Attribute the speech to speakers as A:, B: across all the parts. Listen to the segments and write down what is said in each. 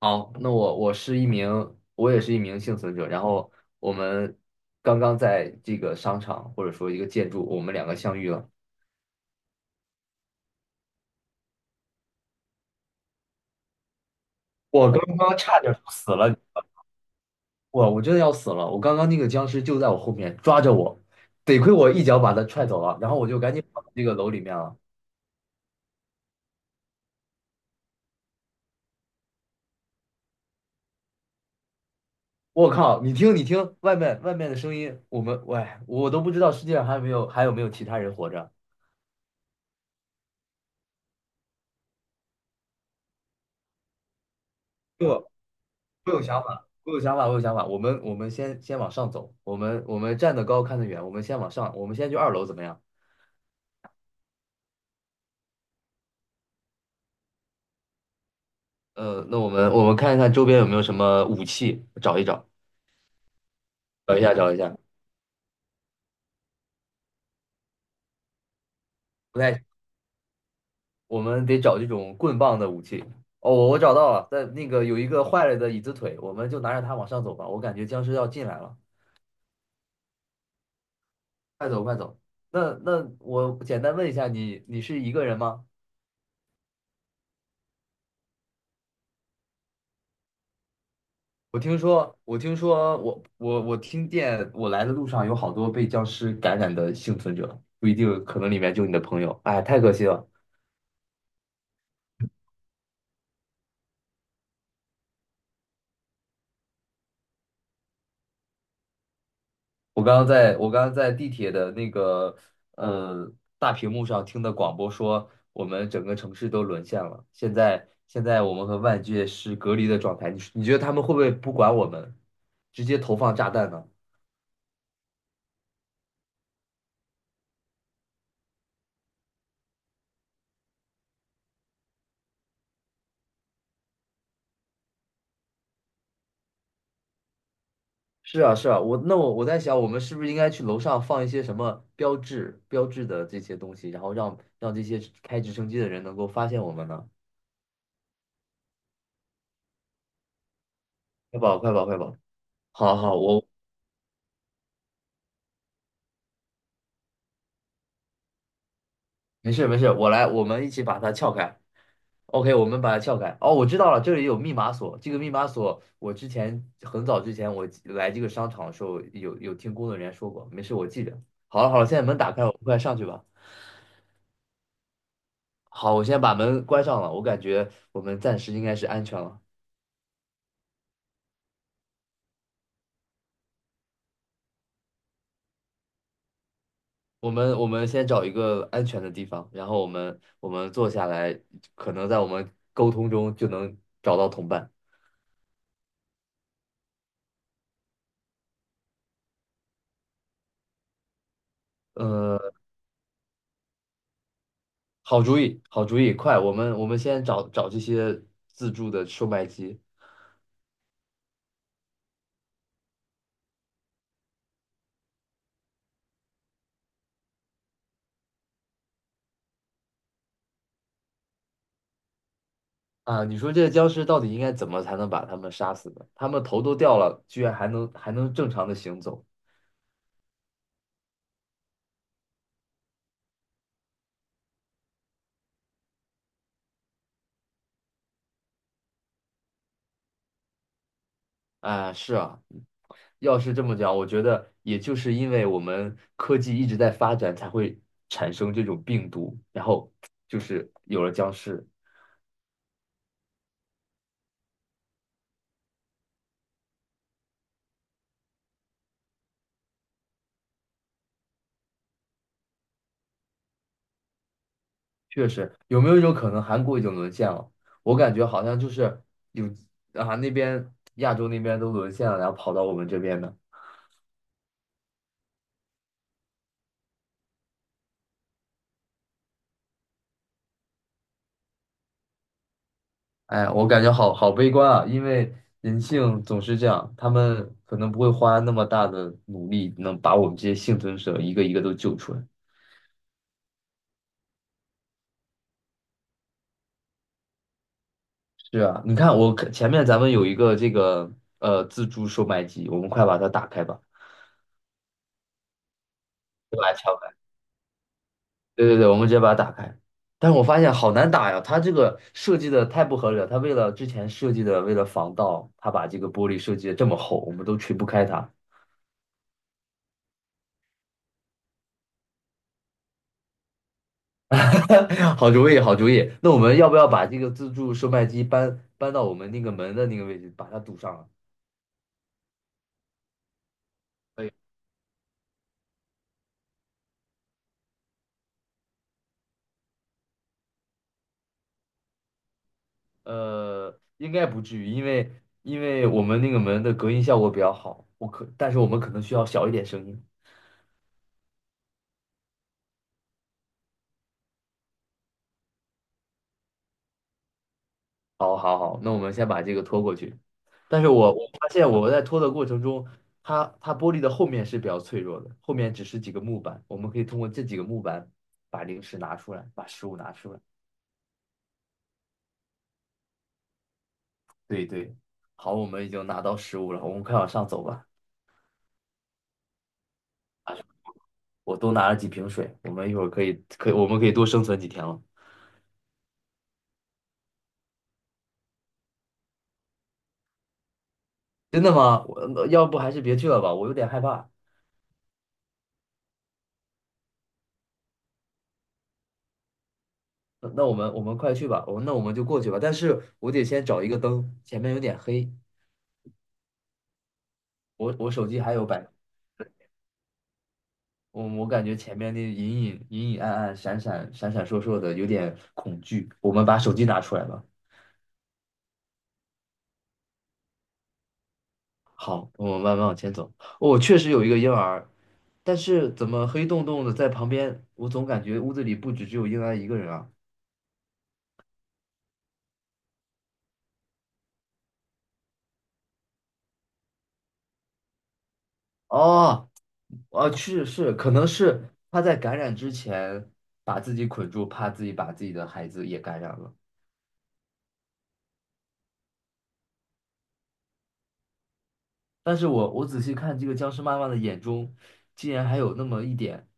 A: 好，那我是一名，我也是一名幸存者。然后我们刚刚在这个商场或者说一个建筑，我们两个相遇了。我刚刚差点就死了，我真的要死了。我刚刚那个僵尸就在我后面抓着我，得亏我一脚把他踹走了，然后我就赶紧跑到这个楼里面了。我靠，你听，外面的声音，我们喂，我都不知道世界上还有没有其他人活着。对，我有想法，我有想法，我有想法。我们先往上走，我们站得高看得远，我们先往上，我们先去二楼怎么样？那我们看一看周边有没有什么武器，找一找，找一下。不太，我们得找这种棍棒的武器。哦，我找到了，在那个有一个坏了的椅子腿，我们就拿着它往上走吧。我感觉僵尸要进来了，快走。那我简单问一下你，你是一个人吗？我听说，我听说，我听见，我来的路上有好多被僵尸感染的幸存者，不一定，可能里面就你的朋友。哎，太可惜了！我刚刚在地铁的那个呃大屏幕上听的广播说，我们整个城市都沦陷了。现在我们和外界是隔离的状态，你觉得他们会不会不管我们，直接投放炸弹呢？是啊，是啊，我在想，我们是不是应该去楼上放一些什么标志、标志的这些东西，然后让这些开直升机的人能够发现我们呢？快跑，快跑，快跑！好好，我，没事没事，我来，我们一起把它撬开。OK，我们把它撬开。哦，我知道了，这里有密码锁。这个密码锁，我很早之前我来这个商场的时候有听工作人员说过，没事，我记着。好了好了，现在门打开，我们快上去吧。好，我先把门关上了，我感觉我们暂时应该是安全了。我们先找一个安全的地方，然后我们坐下来，可能在我们沟通中就能找到同伴。呃，好主意，好主意，快，我们先找找这些自助的售卖机。啊！你说这些僵尸到底应该怎么才能把他们杀死呢？他们头都掉了，居然还能正常的行走。啊！是啊，要是这么讲，我觉得也就是因为我们科技一直在发展，才会产生这种病毒，然后就是有了僵尸。确实，有没有一种可能，韩国已经沦陷了？我感觉好像就是有，啊，那边亚洲那边都沦陷了，然后跑到我们这边的。哎，我感觉好好悲观啊，因为人性总是这样，他们可能不会花那么大的努力，能把我们这些幸存者一个一个都救出来。是啊，你看我前面咱们有一个这个自助售卖机，我们快把它打开吧，来吧？对对对，我们直接把它打开。但是我发现好难打呀，它这个设计的太不合理了。它为了之前设计的，为了防盗，它把这个玻璃设计的这么厚，我们都锤不开它。好主意，好主意。那我们要不要把这个自助售卖机搬到我们那个门的那个位置，把它堵上了。可以。应该不至于，因为我们那个门的隔音效果比较好。我可，但是我们可能需要小一点声音。好，好，好，那我们先把这个拖过去。但是我发现我在拖的过程中，它玻璃的后面是比较脆弱的，后面只是几个木板，我们可以通过这几个木板把零食拿出来，把食物拿出来。对对，好，我们已经拿到食物了，我们快往上走吧。我多拿了几瓶水，我们一会儿可以可以我们可以多生存几天了。真的吗？我那要不还是别去了吧，我有点害怕。那我们快去吧，我那我们就过去吧。但是我得先找一个灯，前面有点黑，我手机还有百。我感觉前面那隐隐暗暗、闪闪烁烁的，有点恐惧。我们把手机拿出来吧。好，我们慢慢往前走。哦，确实有一个婴儿，但是怎么黑洞洞的在旁边？我总感觉屋子里不止只有婴儿一个人啊。哦，啊，是是，可能是他在感染之前把自己捆住，怕自己把自己的孩子也感染了。但是我仔细看这个僵尸妈妈的眼中，竟然还有那么一点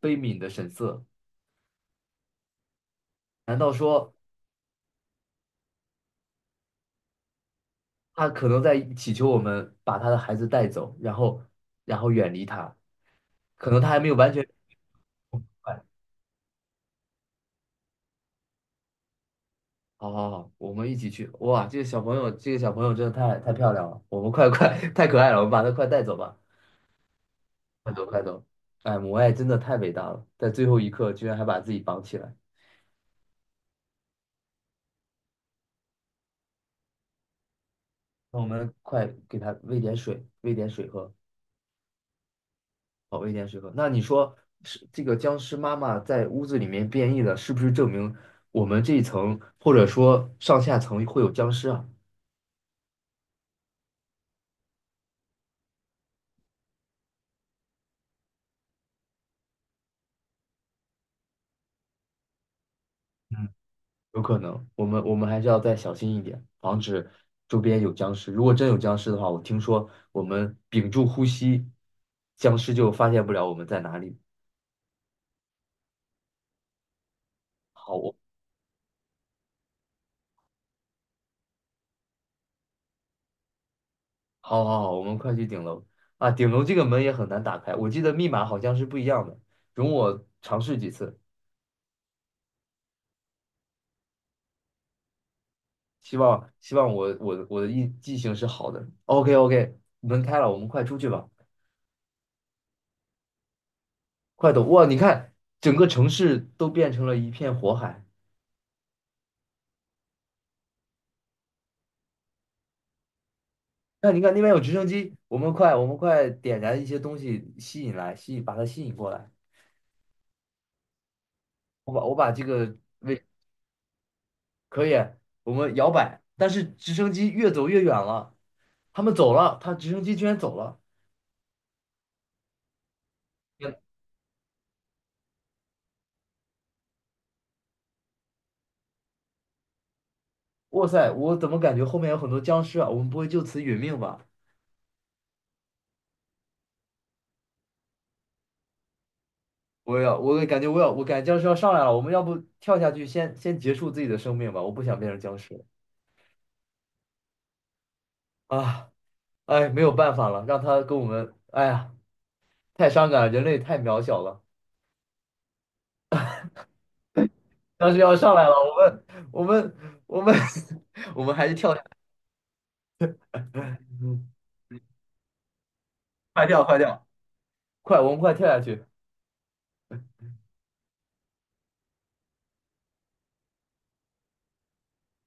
A: 悲悯的神色。难道说？他可能在祈求我们把他的孩子带走，然后远离他，可能他还没有完全明白。好好好，我们一起去。哇，这个小朋友真的太漂亮了，我们快快 太可爱了，我们把他快带走吧，快走。哎，母爱真的太伟大了，在最后一刻居然还把自己绑起来。那我们快给他喂点水，喂点水喝。哦，危险时刻。那你说是这个僵尸妈妈在屋子里面变异了，是不是证明我们这一层或者说上下层会有僵尸啊？嗯，有可能，我们还是要再小心一点，防止周边有僵尸。如果真有僵尸的话，我听说我们屏住呼吸，僵尸就发现不了我们在哪里。好，我，好好好，我们快去顶楼。啊！顶楼这个门也很难打开，我记得密码好像是不一样的，容我尝试几次。希望我的印记性是好的。OK OK，门开了，我们快出去吧，快走！哇，你看整个城市都变成了一片火海。那你看那边有直升机，我们快点燃一些东西吸引来，吸引把它吸引过来。我把这个位，可以，我们摇摆，但是直升机越走越远了，他们走了，他直升机居然走了。哇塞，我怎么感觉后面有很多僵尸啊？我们不会就此殒命吧？我感觉僵尸要上来了，我们要不跳下去先结束自己的生命吧？我不想变成僵尸了。啊！哎，没有办法了，让他跟我们，哎呀，太伤感了，人类太渺小了。僵尸要上来了，我们我们 我们还是跳下去，嗯，快跳，快，我们快跳下去。